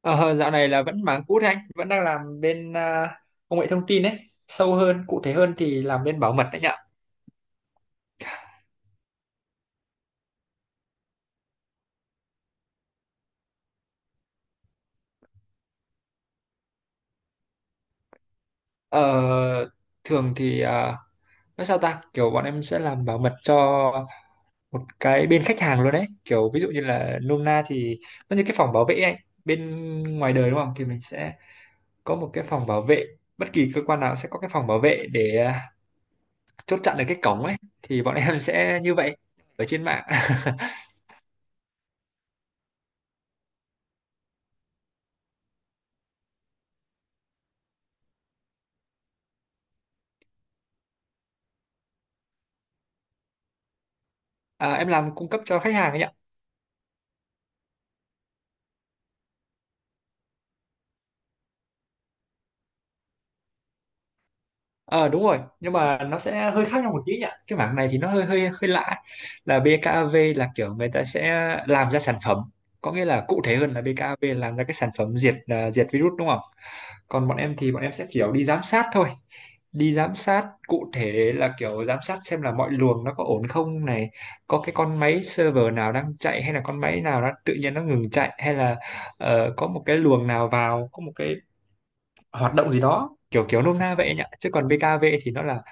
Ờ, Dạo này là vẫn mảng cũ thế anh, vẫn đang làm bên công nghệ thông tin đấy, sâu hơn, cụ thể hơn thì làm bên bảo mật đấy nhỉ. Ờ, Thường thì nói sao ta, kiểu bọn em sẽ làm bảo mật cho một cái bên khách hàng luôn đấy, kiểu ví dụ như là nôm na thì nó như cái phòng bảo vệ ấy, anh. Bên ngoài đời đúng không, thì mình sẽ có một cái phòng bảo vệ, bất kỳ cơ quan nào sẽ có cái phòng bảo vệ để chốt chặn được cái cổng ấy, thì bọn em sẽ như vậy ở trên mạng. À, em làm cung cấp cho khách hàng ấy nhỉ. Ờ Đúng rồi, nhưng mà nó sẽ hơi khác nhau một tí nhỉ, cái mảng này thì nó hơi hơi hơi lạ, là BKAV là kiểu người ta sẽ làm ra sản phẩm, có nghĩa là cụ thể hơn là BKAV làm ra cái sản phẩm diệt virus đúng không, còn bọn em thì bọn em sẽ kiểu đi giám sát thôi. Đi giám sát cụ thể là kiểu giám sát xem là mọi luồng nó có ổn không này, có cái con máy server nào đang chạy hay là con máy nào nó tự nhiên nó ngừng chạy, hay là có một cái luồng nào vào, có một cái hoạt động gì đó kiểu kiểu nôm na vậy anh ạ. Chứ còn BKV thì nó là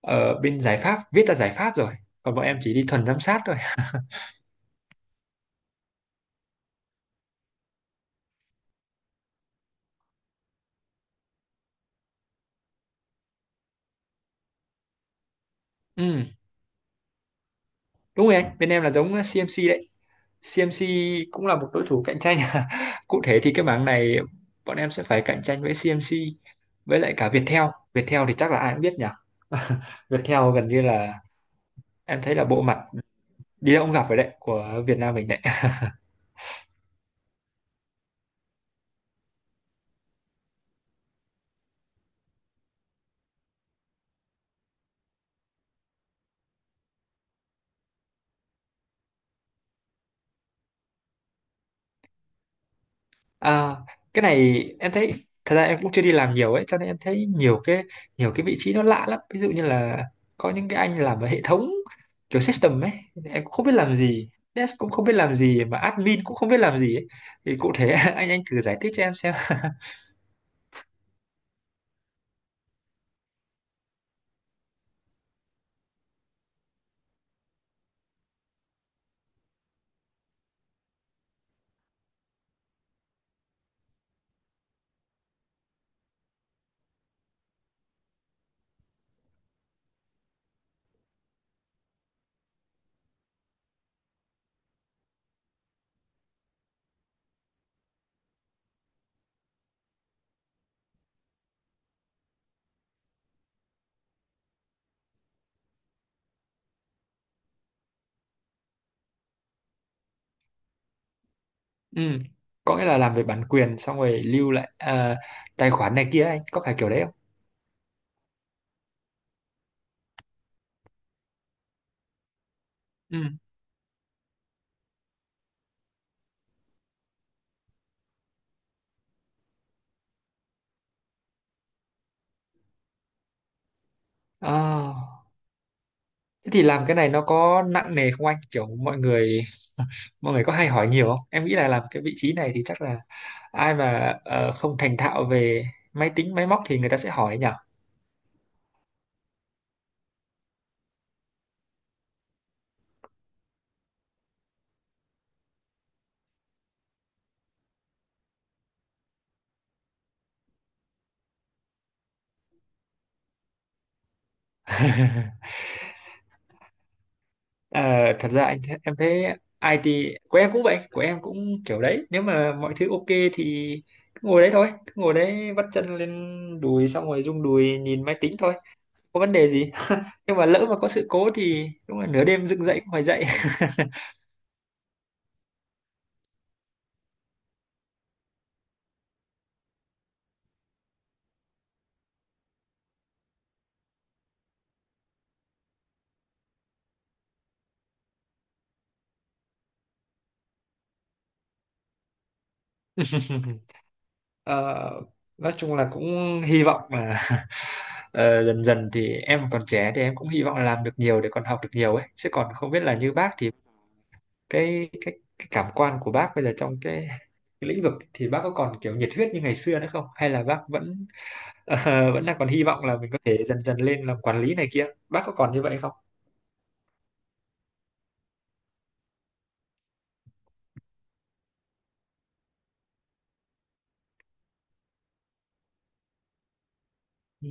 ở bên giải pháp, viết là giải pháp rồi, còn bọn em chỉ đi thuần giám sát thôi. Ừ, đúng rồi anh, bên em là giống CMC đấy. CMC cũng là một đối thủ cạnh tranh. Cụ thể thì cái mảng này bọn em sẽ phải cạnh tranh với CMC, với lại cả Viettel. Viettel thì chắc là ai cũng biết nhỉ. Viettel gần như là em thấy là bộ mặt đi đâu cũng gặp rồi đấy của Việt Nam mình đấy. À, cái này em thấy thật ra em cũng chưa đi làm nhiều ấy, cho nên em thấy nhiều cái vị trí nó lạ lắm, ví dụ như là có những cái anh làm ở hệ thống, kiểu system ấy, em cũng không biết làm gì, dev cũng không biết làm gì mà admin cũng không biết làm gì ấy. Thì cụ thể anh thử giải thích cho em xem. Ừ, có nghĩa là làm về bản quyền xong rồi lưu lại tài khoản này kia anh, có phải kiểu đấy không? Ừ. à, Thế thì làm cái này nó có nặng nề không anh, kiểu mọi người có hay hỏi nhiều không? Em nghĩ là làm cái vị trí này thì chắc là ai mà không thành thạo về máy tính máy móc thì người ta sẽ hỏi nhỉ. Ờ, Thật ra em thấy IT của em cũng vậy, của em cũng kiểu đấy, nếu mà mọi thứ ok thì cứ ngồi đấy thôi, cứ ngồi đấy vắt chân lên đùi xong rồi rung đùi nhìn máy tính thôi, có vấn đề gì. Nhưng mà lỡ mà có sự cố thì đúng là nửa đêm dựng dậy cũng phải dậy. Ờ, nói chung là cũng hy vọng là dần dần thì em còn trẻ thì em cũng hy vọng là làm được nhiều để còn học được nhiều ấy, chứ còn không biết là như bác thì cái cảm quan của bác bây giờ trong cái lĩnh vực thì bác có còn kiểu nhiệt huyết như ngày xưa nữa không, hay là bác vẫn vẫn đang còn hy vọng là mình có thể dần dần lên làm quản lý này kia, bác có còn như vậy không? Ừ.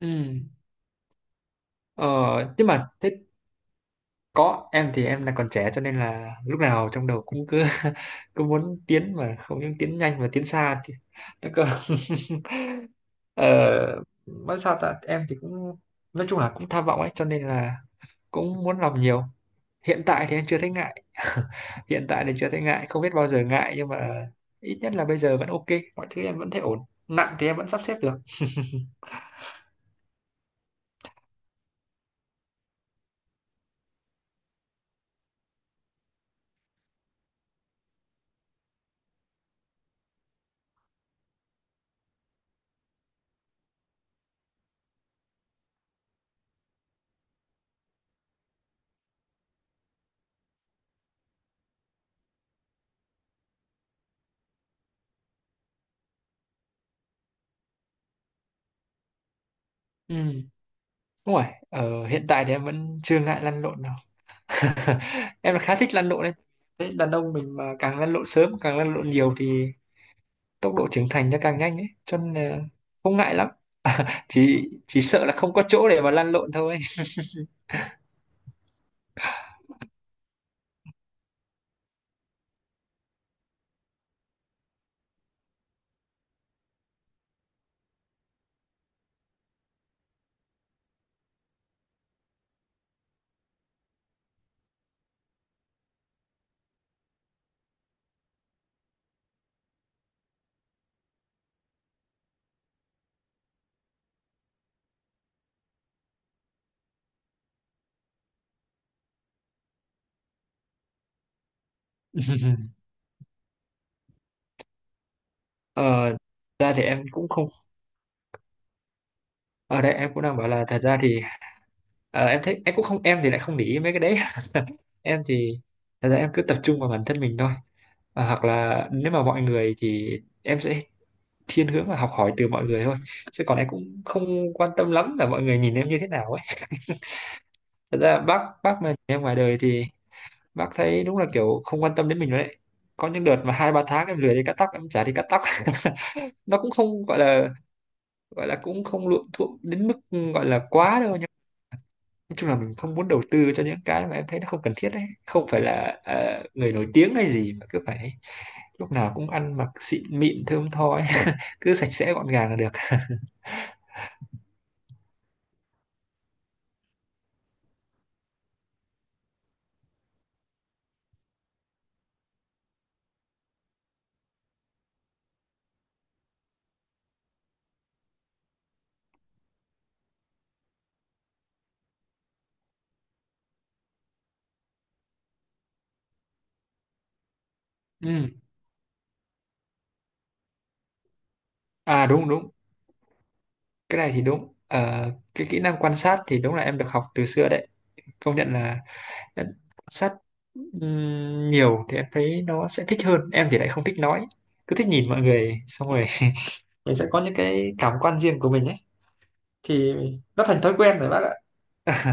Ừ. Ờ, nhưng mà thế. Có, em thì em là còn trẻ cho nên là lúc nào trong đầu cũng cứ cứ muốn tiến, mà không những tiến nhanh mà tiến xa thì nó cơ. ờ, nói sao ta, em thì cũng nói chung là cũng tham vọng ấy, cho nên là cũng muốn làm nhiều. Hiện tại thì em chưa thấy ngại. Hiện tại thì chưa thấy ngại, không biết bao giờ ngại, nhưng mà ít nhất là bây giờ vẫn ok, mọi thứ em vẫn thấy ổn, nặng thì em vẫn sắp xếp được. Ừ, đúng rồi. Hiện tại thì em vẫn chưa ngại lăn lộn. Em là khá thích lăn lộn đấy. Thế đàn ông mình mà càng lăn lộn sớm, càng lăn lộn nhiều thì tốc độ trưởng thành nó càng nhanh ấy, cho nên là không ngại lắm, chỉ sợ là không có chỗ để mà lăn lộn thôi. ờ, Ra thì em cũng không, ở đây em cũng đang bảo là thật ra thì em thấy em cũng không, em thì lại không để ý mấy cái đấy. Em thì thật ra em cứ tập trung vào bản thân mình thôi. Hoặc là nếu mà mọi người thì em sẽ thiên hướng là học hỏi từ mọi người thôi, chứ còn em cũng không quan tâm lắm là mọi người nhìn em như thế nào ấy. Thật ra bác mà em ngoài đời thì bác thấy đúng là kiểu không quan tâm đến mình rồi đấy, có những đợt mà hai ba tháng em lười đi cắt tóc, em chả đi cắt tóc. Nó cũng không gọi là cũng không luộm thuộm đến mức gọi là quá đâu, nhưng nói chung là mình không muốn đầu tư cho những cái mà em thấy nó không cần thiết đấy, không phải là người nổi tiếng hay gì mà cứ phải lúc nào cũng ăn mặc xịn mịn thơm tho ấy. Cứ sạch sẽ gọn gàng là được. Ừ. À đúng đúng, cái này thì đúng. Ờ, cái kỹ năng quan sát thì đúng là em được học từ xưa đấy, công nhận là. Nên sách nhiều thì em thấy nó sẽ thích hơn, em thì lại không thích nói, cứ thích nhìn mọi người xong rồi mình sẽ có những cái cảm quan riêng của mình ấy. Thì nó thành thói quen rồi bác ạ.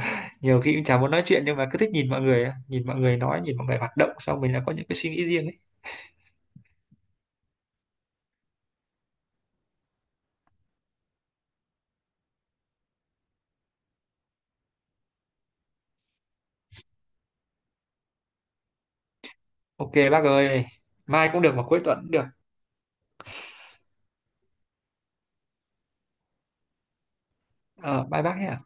Nhiều khi cũng chả muốn nói chuyện nhưng mà cứ thích nhìn mọi người á. Nhìn mọi người nói, nhìn mọi người hoạt động, xong mình là có những cái suy nghĩ riêng ấy. Ok bác ơi, mai cũng được mà cuối tuần cũng được. Ờ Bye bác nhé.